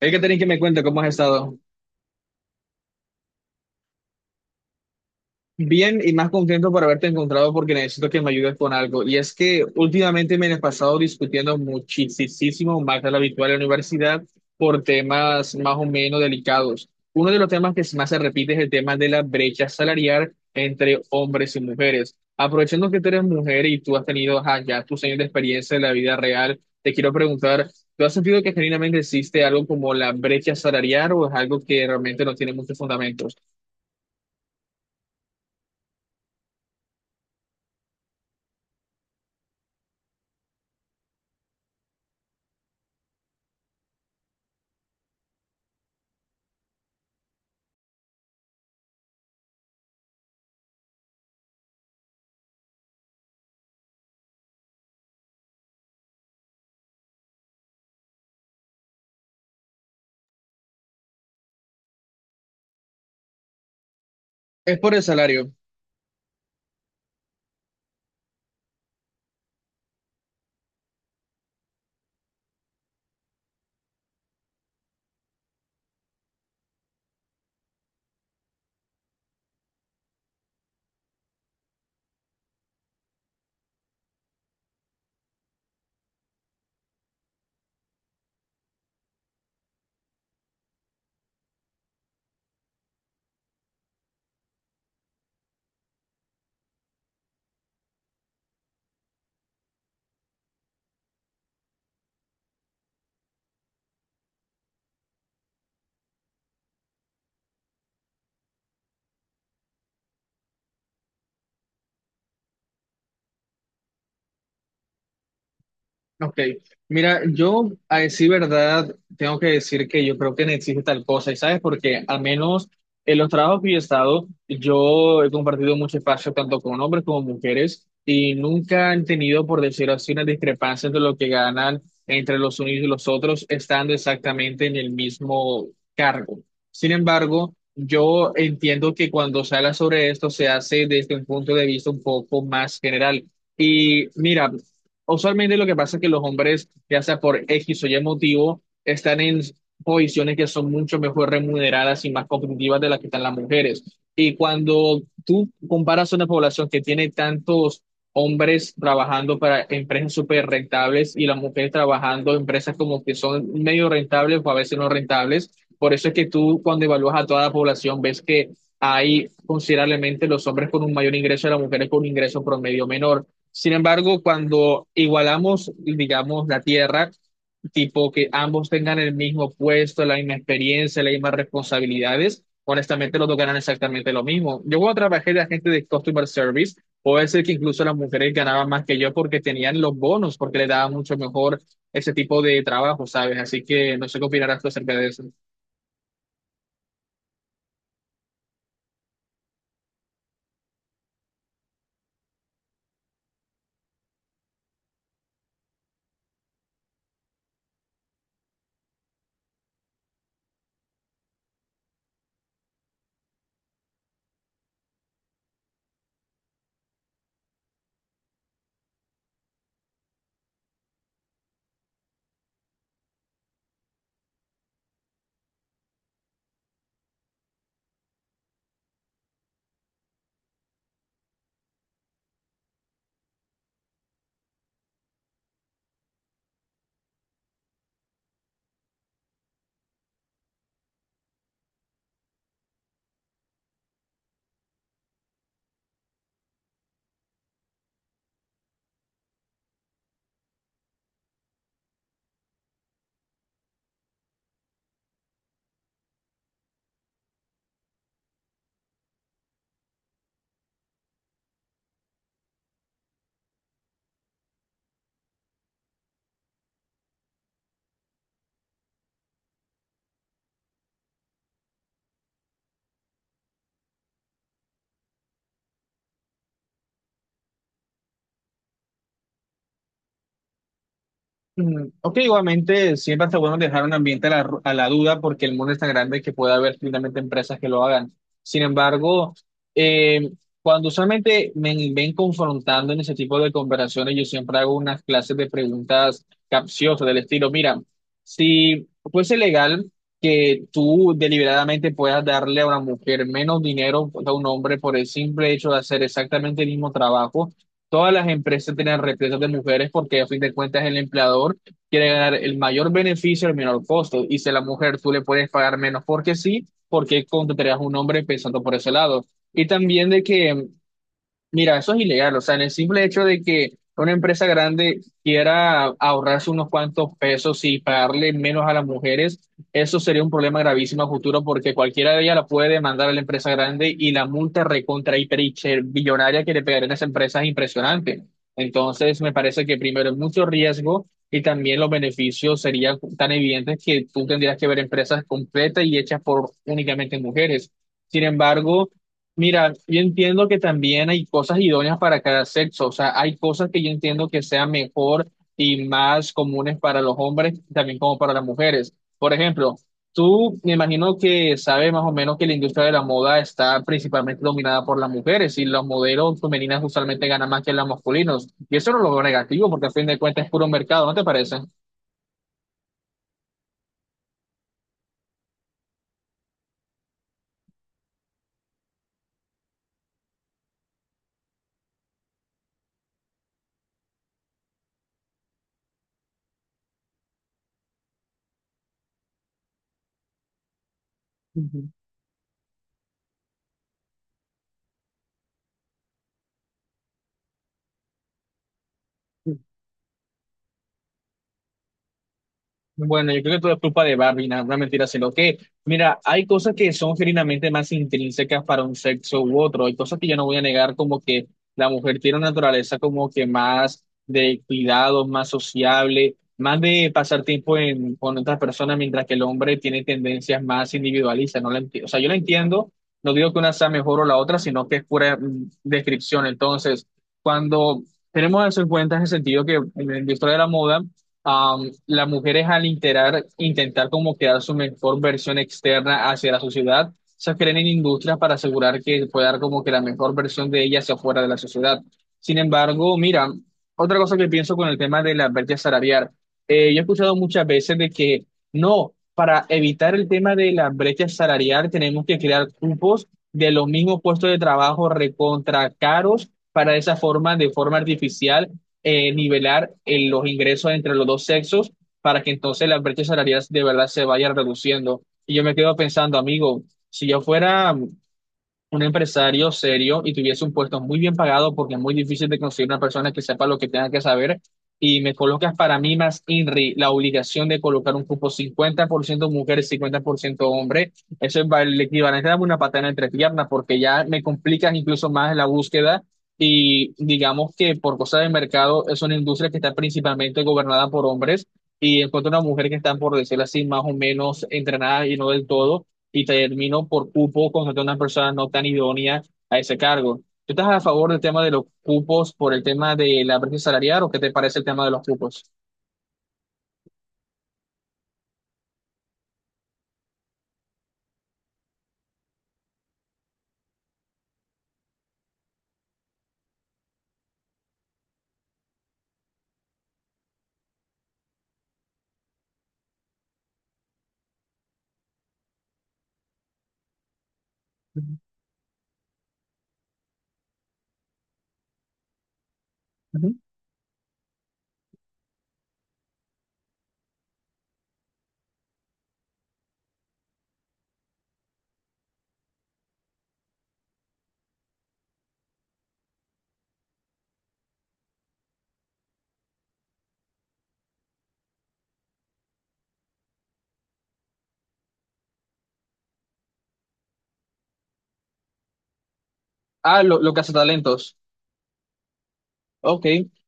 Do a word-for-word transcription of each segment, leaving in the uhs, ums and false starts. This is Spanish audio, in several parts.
Hay que tener que me cuenta cómo has estado. Bien y más contento por haberte encontrado porque necesito que me ayudes con algo. Y es que últimamente me he pasado discutiendo muchísimo más de lo habitual en la universidad por temas más o menos delicados. Uno de los temas que más se repite es el tema de la brecha salarial entre hombres y mujeres. Aprovechando que tú eres mujer y tú has tenido ajá, ya tus años de experiencia en la vida real, te quiero preguntar, ¿tú has sentido que genuinamente existe algo como la brecha salarial o es algo que realmente no tiene muchos fundamentos? Es por el salario. Ok. Mira, yo a decir verdad, tengo que decir que yo creo que no existe tal cosa. ¿Y sabes por qué? Al menos en los trabajos que yo he estado, yo he compartido mucho espacio tanto con hombres como mujeres y nunca han tenido, por decirlo así, una discrepancia entre lo que ganan entre los unos y los otros, estando exactamente en el mismo cargo. Sin embargo, yo entiendo que cuando se habla sobre esto se hace desde un punto de vista un poco más general. Y mira, usualmente lo que pasa es que los hombres, ya sea por X o Y motivo, están en posiciones que son mucho mejor remuneradas y más competitivas de las que están las mujeres. Y cuando tú comparas una población que tiene tantos hombres trabajando para empresas súper rentables y las mujeres trabajando en empresas como que son medio rentables o a veces no rentables, por eso es que tú cuando evalúas a toda la población ves que hay considerablemente los hombres con un mayor ingreso y las mujeres con un ingreso promedio menor. Sin embargo, cuando igualamos, digamos, la tierra, tipo que ambos tengan el mismo puesto, la misma experiencia, las mismas responsabilidades, honestamente los dos ganan exactamente lo mismo. Yo cuando trabajé de agente de customer service, puede ser que incluso las mujeres ganaban más que yo porque tenían los bonos, porque les daba mucho mejor ese tipo de trabajo, ¿sabes? Así que no sé qué opinarás tú acerca de eso. Mm, ok, igualmente siempre está bueno dejar un ambiente a la, a la duda porque el mundo es tan grande que puede haber finalmente empresas que lo hagan. Sin embargo, eh, cuando usualmente me ven confrontando en ese tipo de conversaciones, yo siempre hago unas clases de preguntas capciosas del estilo, mira, si fuese legal que tú deliberadamente puedas darle a una mujer menos dinero que a un hombre por el simple hecho de hacer exactamente el mismo trabajo, todas las empresas tienen represas de mujeres porque a fin de cuentas el empleador quiere ganar el mayor beneficio al menor costo. Y si a la mujer tú le puedes pagar menos porque sí, ¿por qué contratarías a un hombre pensando por ese lado? Y también de que mira, eso es ilegal, o sea, en el simple hecho de que una empresa grande quiera ahorrarse unos cuantos pesos y pagarle menos a las mujeres, eso sería un problema gravísimo a futuro porque cualquiera de ellas la puede demandar a la empresa grande y la multa recontra hiper hiper billonaria que le pegarían a esa empresa es impresionante. Entonces, me parece que primero es mucho riesgo y también los beneficios serían tan evidentes que tú tendrías que ver empresas completas y hechas por únicamente mujeres. Sin embargo, mira, yo entiendo que también hay cosas idóneas para cada sexo, o sea, hay cosas que yo entiendo que sean mejor y más comunes para los hombres, también como para las mujeres. Por ejemplo, tú me imagino que sabes más o menos que la industria de la moda está principalmente dominada por las mujeres y los modelos femeninas usualmente ganan más que los masculinos. Y eso no lo veo negativo porque a fin de cuentas es puro mercado, ¿no te parece? Ujú. Bueno, yo creo que todo es culpa de Barbie, no, una mentira, lo que, mira, hay cosas que son genuinamente más intrínsecas para un sexo u otro, hay cosas que yo no voy a negar, como que la mujer tiene una naturaleza como que más de cuidado, más sociable, más de pasar tiempo en, con otras personas, mientras que el hombre tiene tendencias más individualistas, no la enti- o sea, yo la entiendo, no digo que una sea mejor o la otra, sino que es pura mm, descripción, entonces, cuando tenemos eso en cuenta en el sentido que en la historia de la moda, Am, las mujeres al interar- intentar como crear su mejor versión externa hacia la sociedad, se creen en industrias para asegurar que pueda dar como que la mejor versión de ellas hacia fuera de la sociedad. Sin embargo, mira, otra cosa que pienso con el tema de la brecha salarial. Eh, yo he escuchado muchas veces de que no, para evitar el tema de la brecha salarial tenemos que crear cupos de los mismos puestos de trabajo recontra caros para de esa forma, de forma artificial eh, nivelar eh, los ingresos entre los dos sexos para que entonces las brechas salariales de verdad se vayan reduciendo. Y yo me quedo pensando, amigo, si yo fuera un empresario serio y tuviese un puesto muy bien pagado porque es muy difícil de conseguir una persona que sepa lo que tenga que saber. Y me colocas para mí más INRI la obligación de colocar un cupo cincuenta por ciento mujeres, cincuenta por ciento hombres. Eso es va- el equivalente a darme una patada entre piernas porque ya me complican incluso más la búsqueda. Y digamos que por cosa de mercado es una industria que está principalmente gobernada por hombres y encuentro una mujer que está, por decirlo así, más o menos entrenada y no del todo y terminó por cupo contrató a una persona no tan idónea a ese cargo. ¿Tú estás a favor del tema de los cupos por el tema de la brecha salarial o qué te parece el tema de los cupos? Ujú. Ah, lo, lo ok,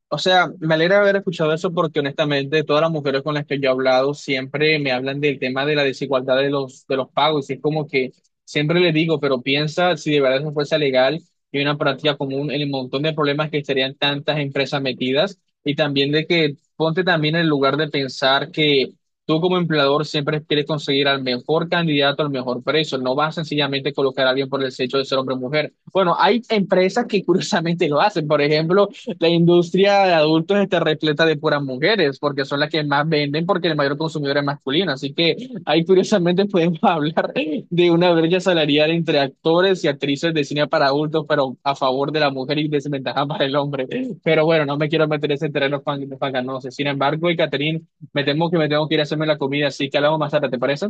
o sea, me alegra haber escuchado eso porque honestamente todas las mujeres con las que yo he hablado siempre me hablan del tema de la desigualdad de los, de los pagos y es como que siempre les digo, pero piensa si de verdad eso fuese legal y una práctica común en el montón de problemas que estarían tantas empresas metidas y también de que ponte también en el lugar de pensar que tú como empleador siempre quieres conseguir al mejor candidato al mejor precio, no vas sencillamente a colocar a alguien por el hecho de ser hombre o mujer. Bueno, hay empresas que curiosamente lo hacen, por ejemplo la industria de adultos está repleta de puras mujeres, porque son las que más venden, porque el mayor consumidor es masculino. Así que ahí curiosamente podemos hablar de una brecha salarial entre actores y actrices de cine para adultos, pero a favor de la mujer y desventaja para el hombre. Pero bueno, no me quiero meter en ese terreno fan- fanganoso. Sin embargo, y Catherine, me temo que me tengo que ir a hacerme la comida, así que hablamos más tarde, ¿te parece?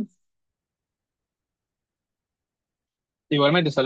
Igualmente, saludos.